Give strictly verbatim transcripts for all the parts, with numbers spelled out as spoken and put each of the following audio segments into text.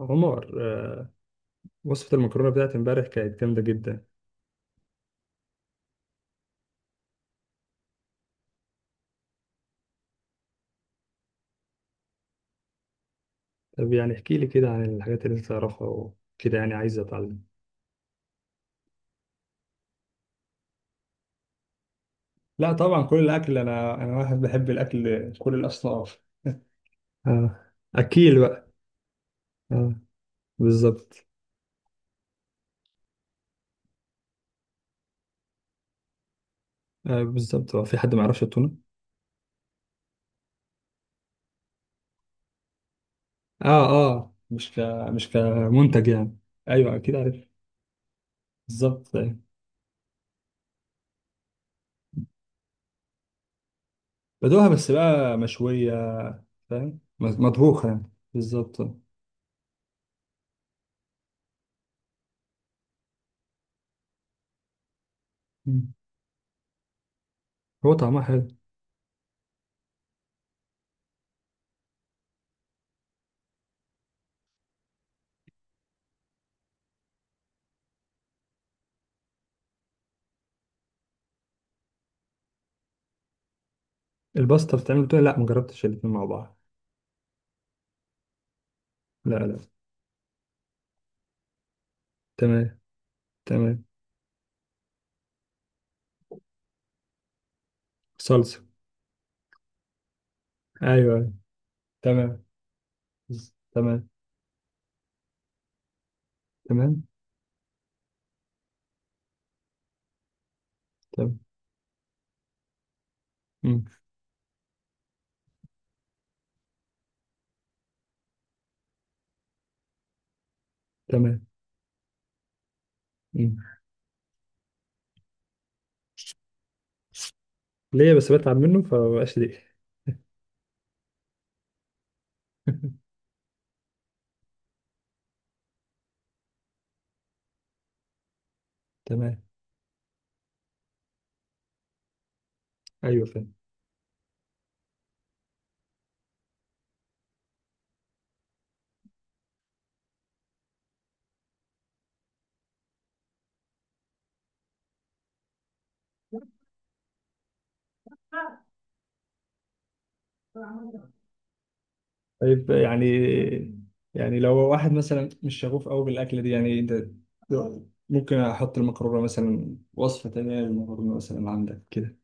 عمر آه، وصفة المكرونة بتاعت امبارح كانت جامدة جدا. طب يعني احكي لي كده عن الحاجات اللي انت تعرفها وكده، يعني عايز اتعلم. لا طبعا كل الاكل، انا انا واحد بحب الاكل كل الاصناف. اه اكيل بقى. اه بالظبط. آه بالظبط، هو في حد ما يعرفش التونة؟ اه. اه مش ك مش ك كمنتج يعني. ايوه اكيد عارف. بالظبط أيوة. بدوها بس بقى مشويه، فاهم، مطبوخه يعني بالظبط. مم. هو طعمها حلو. الباستا بتتعمل، بتقول؟ لا مجربتش الاتنين مع بعض. لا لا. تمام، تمام. صلصة. أيوه أيوة. تمام. ز- تمام. تمام. تمام. مم. تمام. مم. ليه بس بتعب منه فمبقاش ليه. تمام. أيوه فاهم. طيب يعني، يعني لو واحد مثلا مش شغوف قوي بالأكلة دي، يعني أنت ممكن أحط المكرونة مثلا، وصفة تانية للمكرونة مثلا عندك كده؟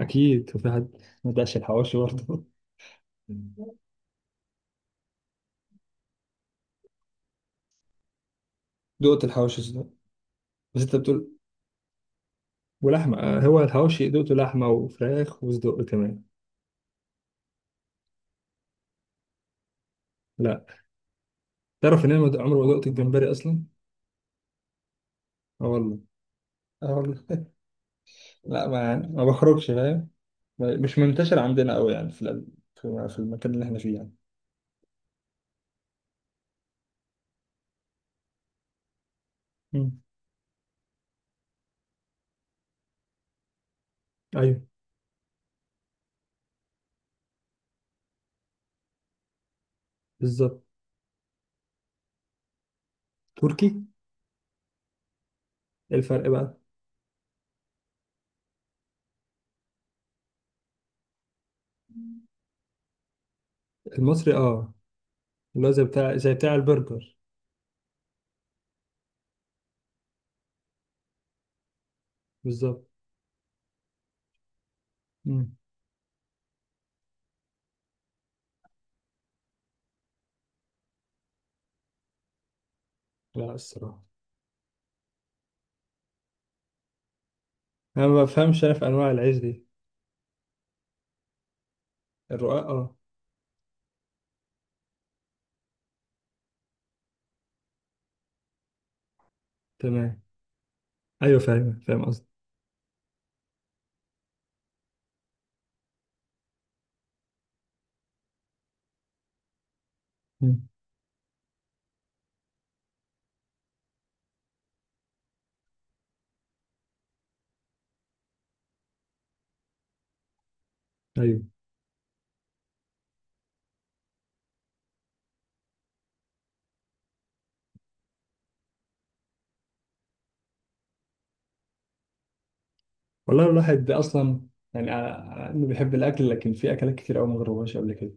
أكيد. وفي حد ما دقش الحواوشي برضه؟ دقت الحواوشي صدق. بس أنت بتقول ولحمة، آه، هو الحواوشي دقته لحمة وفراخ وصدق كمان. لا. تعرف إن أنا ما د- عمري ما دقت الجمبري أصلا. اه والله. اه والله. لا، ما يعني ما بخرجش، فاهم؟ ما- مش منتشر عندنا أوي يعني في ال- في في المكان اللي إحنا فيه يعني. مم. أيوه بالظبط. تركي. إيه الفرق بقى؟ المصري اه. اللي هو زي بتاع زي بتاع البرجر. بالظبط. مم. لا الصراحة. أنا ما بفهمش أنا في أنواع العيش دي. الرقاق اه. تمام. أيوه فاهم، فاهم قصدي. مم. أيوه. والله الواحد اصلا، يعني ع- انه بيحب الاكل، لكن في اكلات كتير قوي ما جربهاش قبل كده.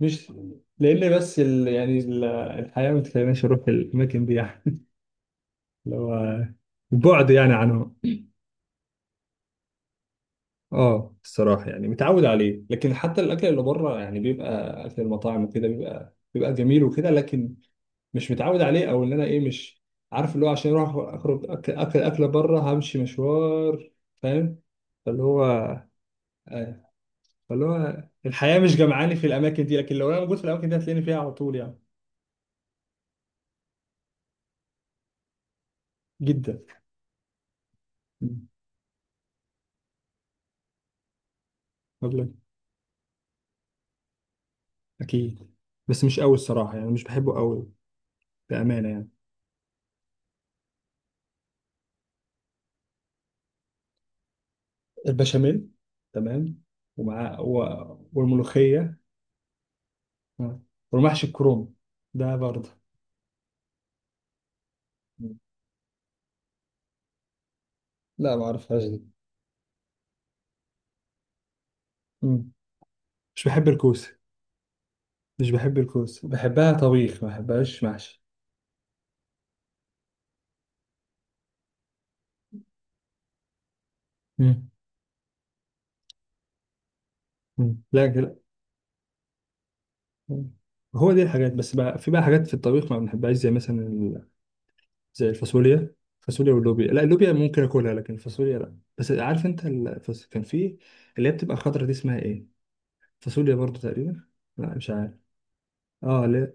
مش. لان بس ال... يعني ال... الحياه ما تخليناش اروح الاماكن دي يعني. اللي هو البعد يعني عنهم. اه الصراحه يعني متعود عليه، لكن حتى الاكل اللي بره يعني بيبقى اكل المطاعم وكده، بيبقى بيبقى جميل وكده، لكن مش متعود عليه، او ان انا ايه، مش عارف اللي هو، عشان اروح اخرج اكل، اكل اكله بره همشي مشوار، فاهم؟ فاللي هو، آه، فاللي هو الحياه مش جمعاني في الاماكن دي، لكن لو انا موجود في الاماكن دي هتلاقيني فيها على طول يعني. جدا. مم. مبلغ. اكيد، بس مش قوي الصراحه، يعني مش بحبه قوي. بامانه يعني؟ البشاميل. تمام. ومع و... والملوخيه. آه. والمحشي الكروم ده برضه. مم. لا ما اعرفهاش دي. مم. مش بحب الكوسه. مش بحب الكوسه، بحبها طبيخ، ما بحبهاش محشي. مم. مم. لا لا. هو دي الحاجات، بس بقى في بقى حاجات في الطبيخ ما بنحبهاش، زي مثلا زي الفاصوليا. الفاصوليا واللوبيا، لا اللوبيا ممكن اكلها، لكن الفاصوليا لا. بس عارف انت الفاص... كان في اللي هي بتبقى خضرا دي، اسمها ايه؟ فاصوليا برضو تقريبا. لا مش عارف. اه لا.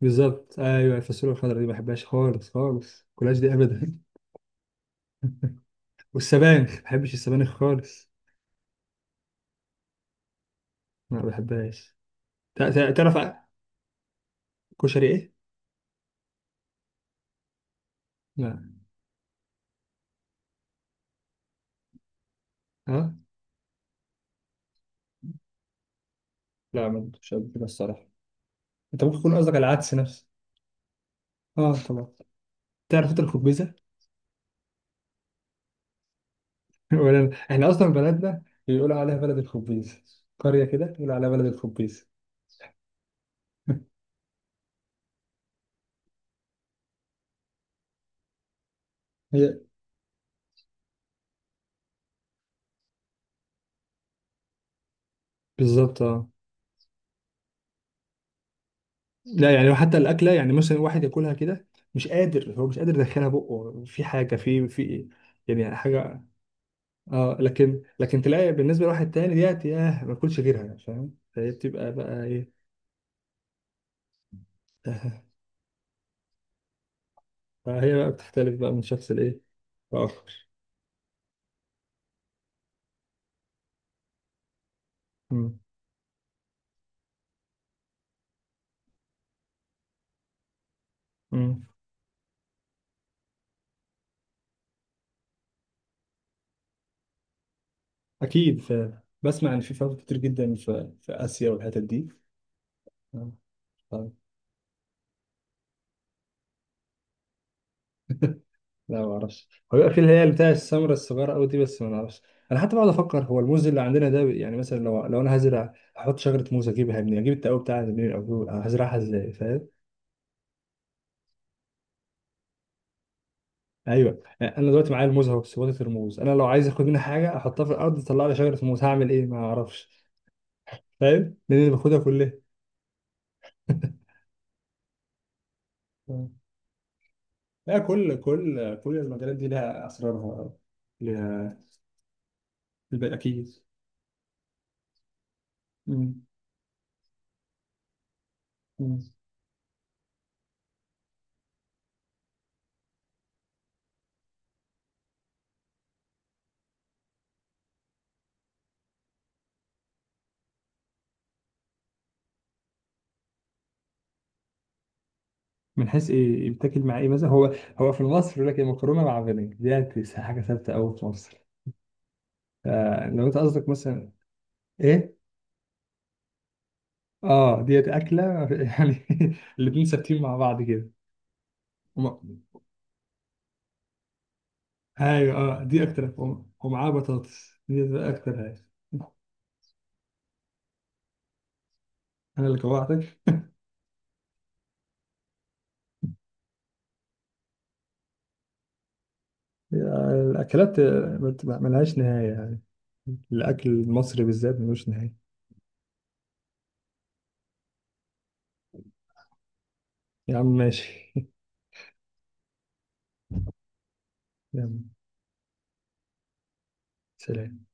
بالظبط ايوه، الفاصوليا الخضرا دي ما بحبهاش خالص خالص، كلاش دي ابدا. والسبانخ، ما بحبش السبانخ خالص. ما بحبهاش. تع- تع- تعرف ع- كشري ايه؟ لا. اه. لا ما كنتش قبل كده الصراحه. انت ممكن تكون قصدك على العدس نفسه. اه طبعا. تعرف انت الخبيزه؟ ولا أنا. احنا اصلا بلدنا بيقولوا عليها بلد الخبيز، قريه كده بيقولوا عليها بلد الخبيز. هي. بالظبط اه. لا يعني حتى الاكله، يعني مثلا واحد ياكلها كده مش قادر، هو مش قادر يدخلها بقه، في حاجه في في يعني حاجه. اه، لكن لكن تلاقي بالنسبه لواحد تاني ديت ياه ما اكلش غيرها يعني، فاهم؟ فهي بتبقى بقى ايه. فهي بقى بتختلف بقى من شخص لايه، لاخر. أمم. أمم. اكيد، ف بسمع ان في فاكهه كتير جدا في في اسيا والحتت دي. آه. طيب. لا ما اعرفش. هو بيبقى في اللي هي بتاع السمرة الصغيرة قوي دي، بس ما اعرفش. انا حتى بقعد افكر هو الموز اللي عندنا ده، يعني مثلا لو لو انا هزرع، احط شجرة موز، اجيبها منين، اجيب التقوي بتاعها منين، او هزرعها ازاي، فاهم؟ ايوه يعني انا دلوقتي معايا الموز اهو، سبوتة الموز، انا لو عايز اخد منها حاجة احطها في الارض تطلع لي شجرة موز، هعمل ايه؟ ما اعرفش. فاهم، لان اللي باخدها كلها. آه. لا، كل كل كل المجالات دي لها اسرارها. لها الباقي اكيد. مم. مم. من حيث ايه، بتاكل مع ايه مثلا؟ هو هو في مصر يقول لك إيه، مكرونه مع بانيه، ديت حاجه ثابته قوي في مصر. آه لو انت قصدك مثلا. ايه. اه ديت اكله يعني، الاتنين ثابتين مع بعض كده. وم- ايوه اه دي اكتر، وم- ومعاها بطاطس دي بقى اكتر حاجه. انا اللي جوعتك؟ آه، الاكلات آه، بت- ملهاش نهايه يعني. الاكل المصري بالذات ملوش نهايه. يا عم ماشي. يلا. سلام.